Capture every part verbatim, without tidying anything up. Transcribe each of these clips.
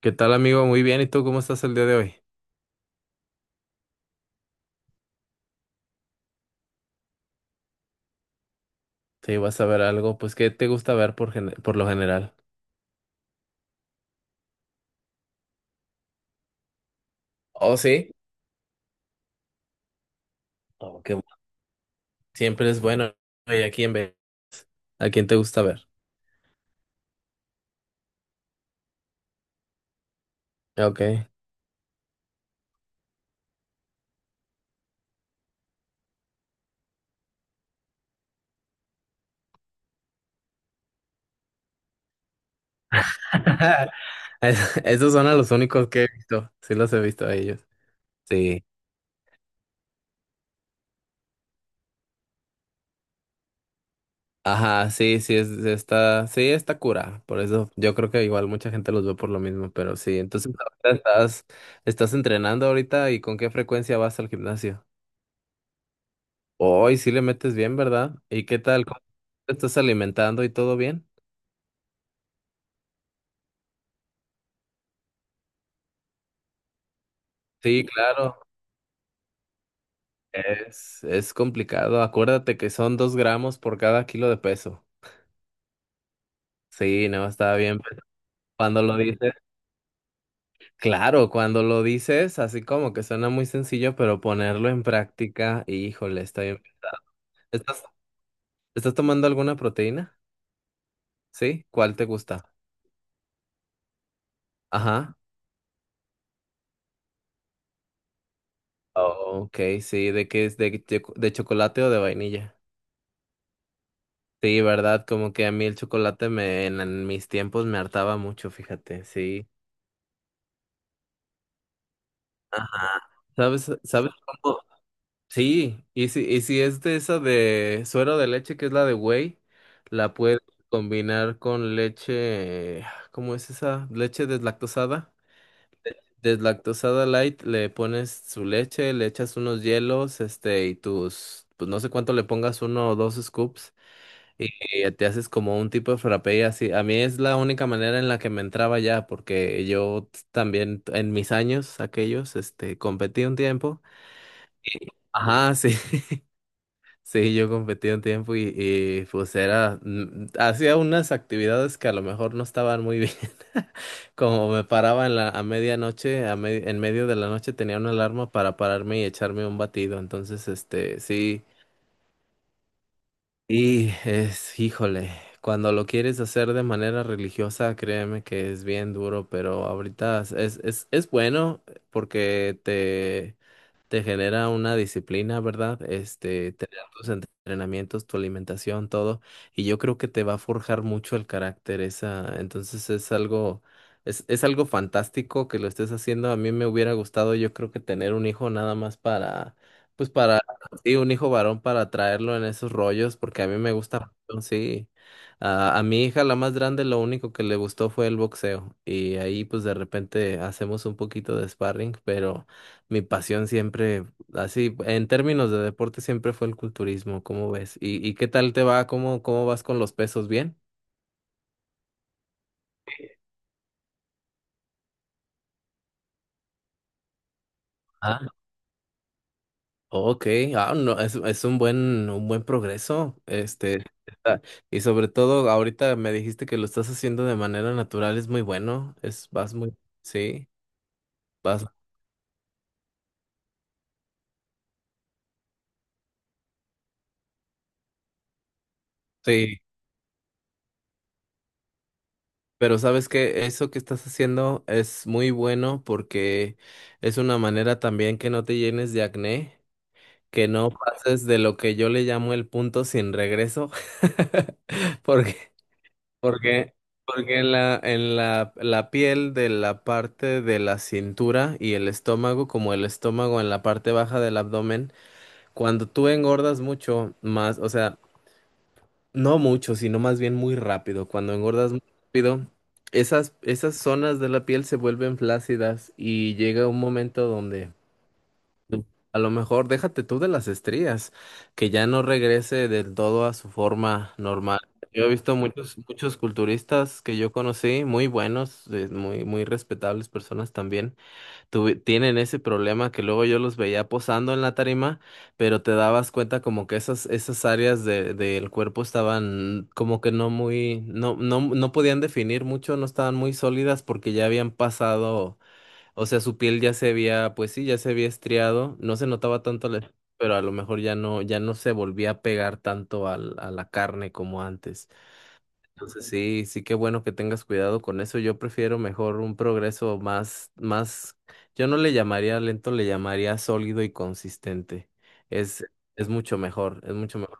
¿Qué tal, amigo? Muy bien. ¿Y tú cómo estás el día de hoy? Sí, vas a ver algo. Pues, ¿qué te gusta ver por, gen- por lo general? Oh, sí. Oh, qué bueno. Siempre es bueno. ¿Y a quién ves? ¿A quién te gusta ver? Ok. Es- Esos son a los únicos que he visto. Sí, los he visto a ellos. Sí. Ajá, sí, sí, es, está, sí, está cura. Por eso yo creo que igual mucha gente los ve por lo mismo, pero sí. Entonces, ahorita estás, estás entrenando ahorita, ¿y con qué frecuencia vas al gimnasio? Hoy sí le metes bien, ¿verdad? ¿Y qué tal? ¿Cómo te estás alimentando y todo bien? Sí, claro, es, es complicado. Acuérdate que son dos gramos por cada kilo de peso. Sí, no, está bien, pues. Cuando lo dices, claro, cuando lo dices, así como que suena muy sencillo, pero ponerlo en práctica, híjole, está bien pesado. ¿Estás, estás tomando alguna proteína? ¿Sí? ¿Cuál te gusta? Ajá. Oh, ok, sí, ¿de qué es? ¿De, de de chocolate o de vainilla? Sí, verdad, como que a mí el chocolate me, en, en mis tiempos me hartaba mucho, fíjate, sí. Ajá. ¿Sabes, sabes cómo? Sí, y si, y si es de esa de suero de leche, que es la de whey, la puedes combinar con leche, ¿cómo es esa? Leche deslactosada. Deslactosada light, le pones su leche, le echas unos hielos, este, y tus, pues no sé cuánto le pongas, uno o dos scoops. Y y te haces como un tipo de frappé y así. A mí es la única manera en la que me entraba ya, porque yo t- también t- en mis años aquellos, este, competí un tiempo. Ajá, sí, sí, yo competí un tiempo y, y pues era, mm, mm, hacía unas actividades que a lo mejor no estaban muy bien. Como me paraba en la, a medianoche, a me- en medio de la noche tenía una alarma para pararme y echarme un batido. Entonces, este, sí. Y es, híjole, cuando lo quieres hacer de manera religiosa, créeme que es bien duro, pero ahorita es, es, es es bueno eh, porque te, te genera una disciplina, ¿verdad? Este, tener tus entrenamientos, tu alimentación, todo, y yo creo que te va a forjar mucho el carácter esa, entonces es algo, es, es algo fantástico que lo estés haciendo. A mí me hubiera gustado, yo creo que tener un hijo nada más para, pues para Sí, un hijo varón para traerlo en esos rollos, porque a mí me gusta, mucho, sí. A, a mi hija, la más grande, lo único que le gustó fue el boxeo. Y ahí, pues de repente hacemos un poquito de sparring, pero mi pasión siempre, así, en términos de deporte, siempre fue el culturismo, ¿cómo ves? ¿Y, y qué tal te va? ¿Cómo, cómo vas con los pesos? ¿Bien? Ok, ah, no, es, es un buen, un buen progreso. Este, está- y sobre todo ahorita me dijiste que lo estás haciendo de manera natural, es muy bueno, es, vas muy, sí, vas, sí, pero sabes que eso que estás haciendo es muy bueno porque es una manera también que no te llenes de acné, que no pases de lo que yo le llamo el punto sin regreso, porque Porque, porque en la, en la, la piel de la parte de la cintura y el estómago, como el estómago en la parte baja del abdomen, cuando tú engordas mucho más, o sea, no mucho, sino más bien muy rápido, cuando engordas muy rápido, esas, esas zonas de la piel se vuelven flácidas y llega un momento donde a lo mejor déjate tú de las estrías, que ya no regrese del todo a su forma normal. Yo he visto muchos, muchos culturistas que yo conocí, muy buenos, eh, muy, muy respetables personas también, tuve- tienen ese problema que luego yo los veía posando en la tarima, pero te dabas cuenta como que esas, esas áreas de, del cuerpo estaban como que no muy, no, no, no podían definir mucho, no estaban muy sólidas porque ya habían pasado. O sea, su piel ya se había, pues sí, ya se había estriado, no se notaba tanto, la- pero a lo mejor ya no, ya no se volvía a pegar tanto al, a la carne como antes. Entonces sí, sí que bueno que tengas cuidado con eso. Yo prefiero mejor un progreso más, más, yo no le llamaría lento, le llamaría sólido y consistente. Es, es mucho mejor, es mucho mejor.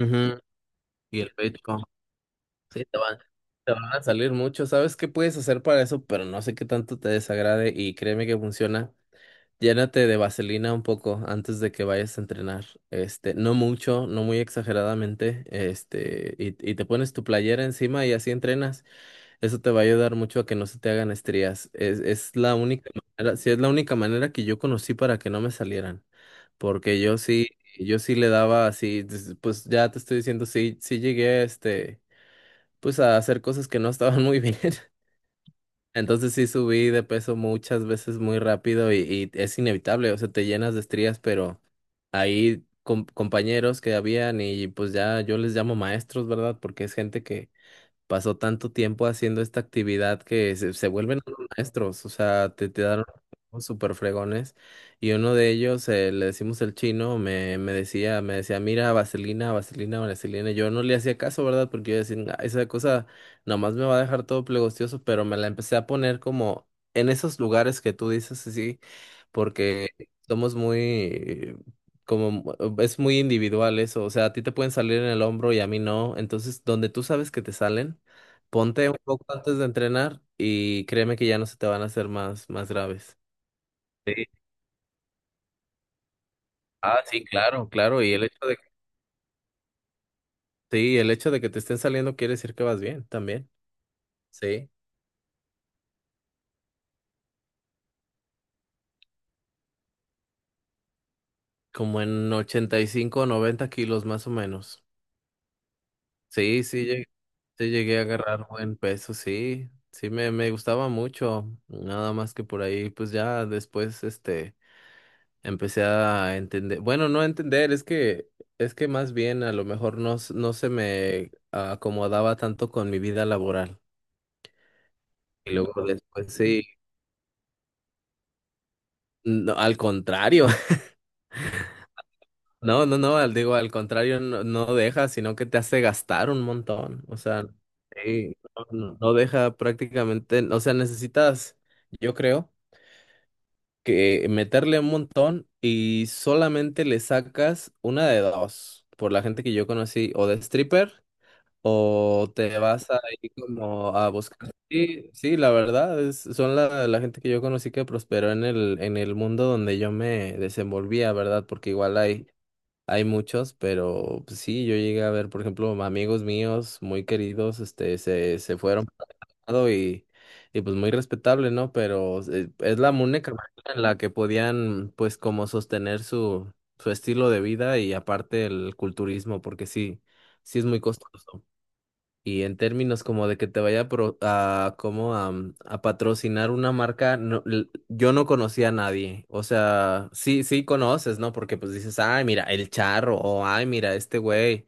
Ujú, y el pecho, sí, te van, te van a salir mucho. ¿Sabes qué puedes hacer para eso? Pero no sé qué tanto te desagrade y créeme que funciona. Llénate de vaselina un poco antes de que vayas a entrenar. Este, no mucho, no muy exageradamente. Este, y, y te pones tu playera encima y así entrenas. Eso te va a ayudar mucho a que no se te hagan estrías. Es, es la única manera, sí, es la única manera que yo conocí para que no me salieran. Porque yo sí, yo sí le daba así, des- pues ya te estoy diciendo, sí, sí llegué, este, pues a hacer cosas que no estaban muy bien. Entonces sí subí de peso muchas veces muy rápido y, y es inevitable, o sea, te llenas de estrías, pero ahí com- compañeros que habían y pues ya yo les llamo maestros, ¿verdad? Porque es gente que pasó tanto tiempo haciendo esta actividad que se, se vuelven unos maestros, o sea, te, te dan unos super fregones. Y uno de ellos, eh, le decimos el chino, me, me decía, me decía, mira, vaselina, vaselina, vaselina. y Yo no le hacía caso, ¿verdad? Porque yo decía, "Nah, esa cosa nomás me va a dejar todo plegostioso," pero me la empecé a poner como en esos lugares que tú dices, así, porque somos muy como mu- es muy individual eso, o sea, a ti te pueden salir en el hombro y a mí no, entonces donde tú sabes que te salen. Ponte un poco antes de entrenar y créeme que ya no se te van a hacer más, más graves. Sí. Ah, sí, claro, claro. Y el hecho de que, sí, el hecho de que te estén saliendo quiere decir que vas bien también. Sí. Como en ochenta y cinco o noventa kilos más o menos. Sí, sí, llegué, sí llegué a agarrar buen peso, sí. Sí, me, me gustaba mucho. Nada más que por ahí, pues ya después, este. Empecé a entender, bueno, no a entender, es que, es que más bien a lo mejor no, s- no se me acomodaba tanto con mi vida laboral. Y luego después sí, no, al contrario, no, no, no, al, digo, al contrario, no, no deja, sino que te hace gastar un montón. O sea, sí, no, no deja prácticamente, o sea, necesitas, yo creo, que meterle un montón y solamente le sacas una de dos. Por la gente que yo conocí, o de stripper. ¿O te vas ahí como a buscar? Sí, sí, la verdad, es, son la, la gente que yo conocí que prosperó en el, en el mundo donde yo me desenvolvía, ¿verdad? Porque igual hay, hay muchos, pero pues, sí, yo llegué a ver, por ejemplo, amigos míos muy queridos, este, se, se fueron por un lado y, y pues muy respetable, ¿no? Pero eh, es la única manera en la que podían, pues, como sostener su, su estilo de vida y aparte el culturismo, porque sí, sí es muy costoso. Y en términos como de que te vaya a, pro- a como a, mm, a patrocinar una marca, no, l- yo no conocía a nadie. O sea, sí, sí conoces, ¿no? Porque pues dices, ay, mira, el charro, o ay, mira, este güey,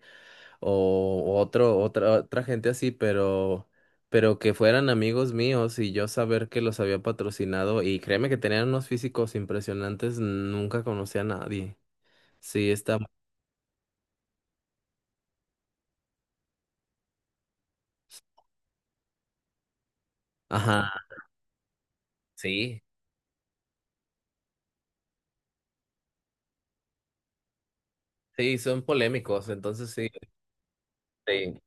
o otro, otra, otra gente así, pero, pero que fueran amigos míos y yo saber que los había patrocinado, y créeme que tenían unos físicos impresionantes, nunca conocí a nadie. Sí, está, ajá, sí, sí, son polémicos, entonces sí. Sí.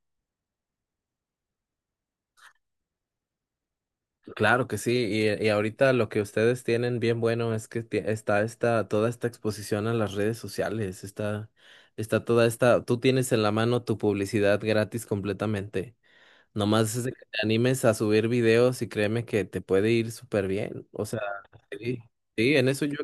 Claro que sí, y, y ahorita lo que ustedes tienen bien bueno es que tie- está esta, toda esta exposición a las redes sociales, está, está toda esta, tú tienes en la mano tu publicidad gratis completamente. Nomás es de que te animes a subir videos y créeme que te puede ir súper bien. O sea, sí, sí, en eso yo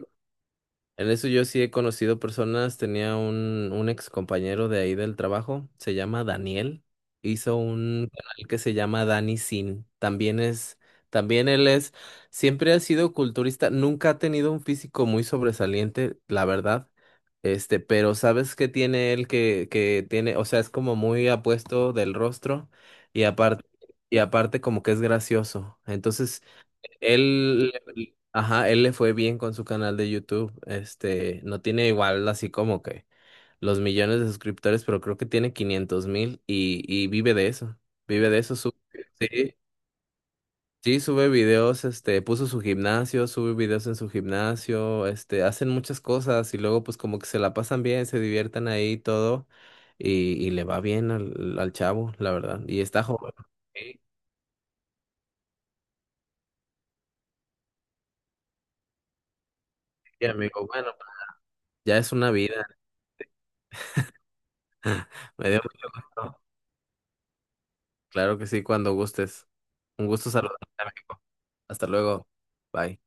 en eso yo sí he conocido personas, tenía un, un ex compañero de ahí del trabajo, se llama Daniel, hizo un canal que se llama Dani Sin, también es, también él es, siempre ha sido culturista, nunca ha tenido un físico muy sobresaliente, la verdad, este, pero ¿sabes qué tiene él que, que tiene, o sea, es como muy apuesto del rostro y aparte, y aparte como que es gracioso, entonces él, le- ajá, él le fue bien con su canal de YouTube. Este, no tiene igual así como que los millones de suscriptores, pero creo que tiene quinientos mil y, y vive de eso. Vive de eso. Sube- sí, sí, sube videos, este, puso su gimnasio, sube videos en su gimnasio, este, hacen muchas cosas y luego pues como que se la pasan bien, se divierten ahí y todo y, y le va bien al, al chavo, la verdad. Y está joven. Sí, sí, amigo, bueno, ya es una vida. Me dio mucho gusto. Claro que sí, cuando gustes. Un gusto saludarte, amigo. Hasta luego. Bye.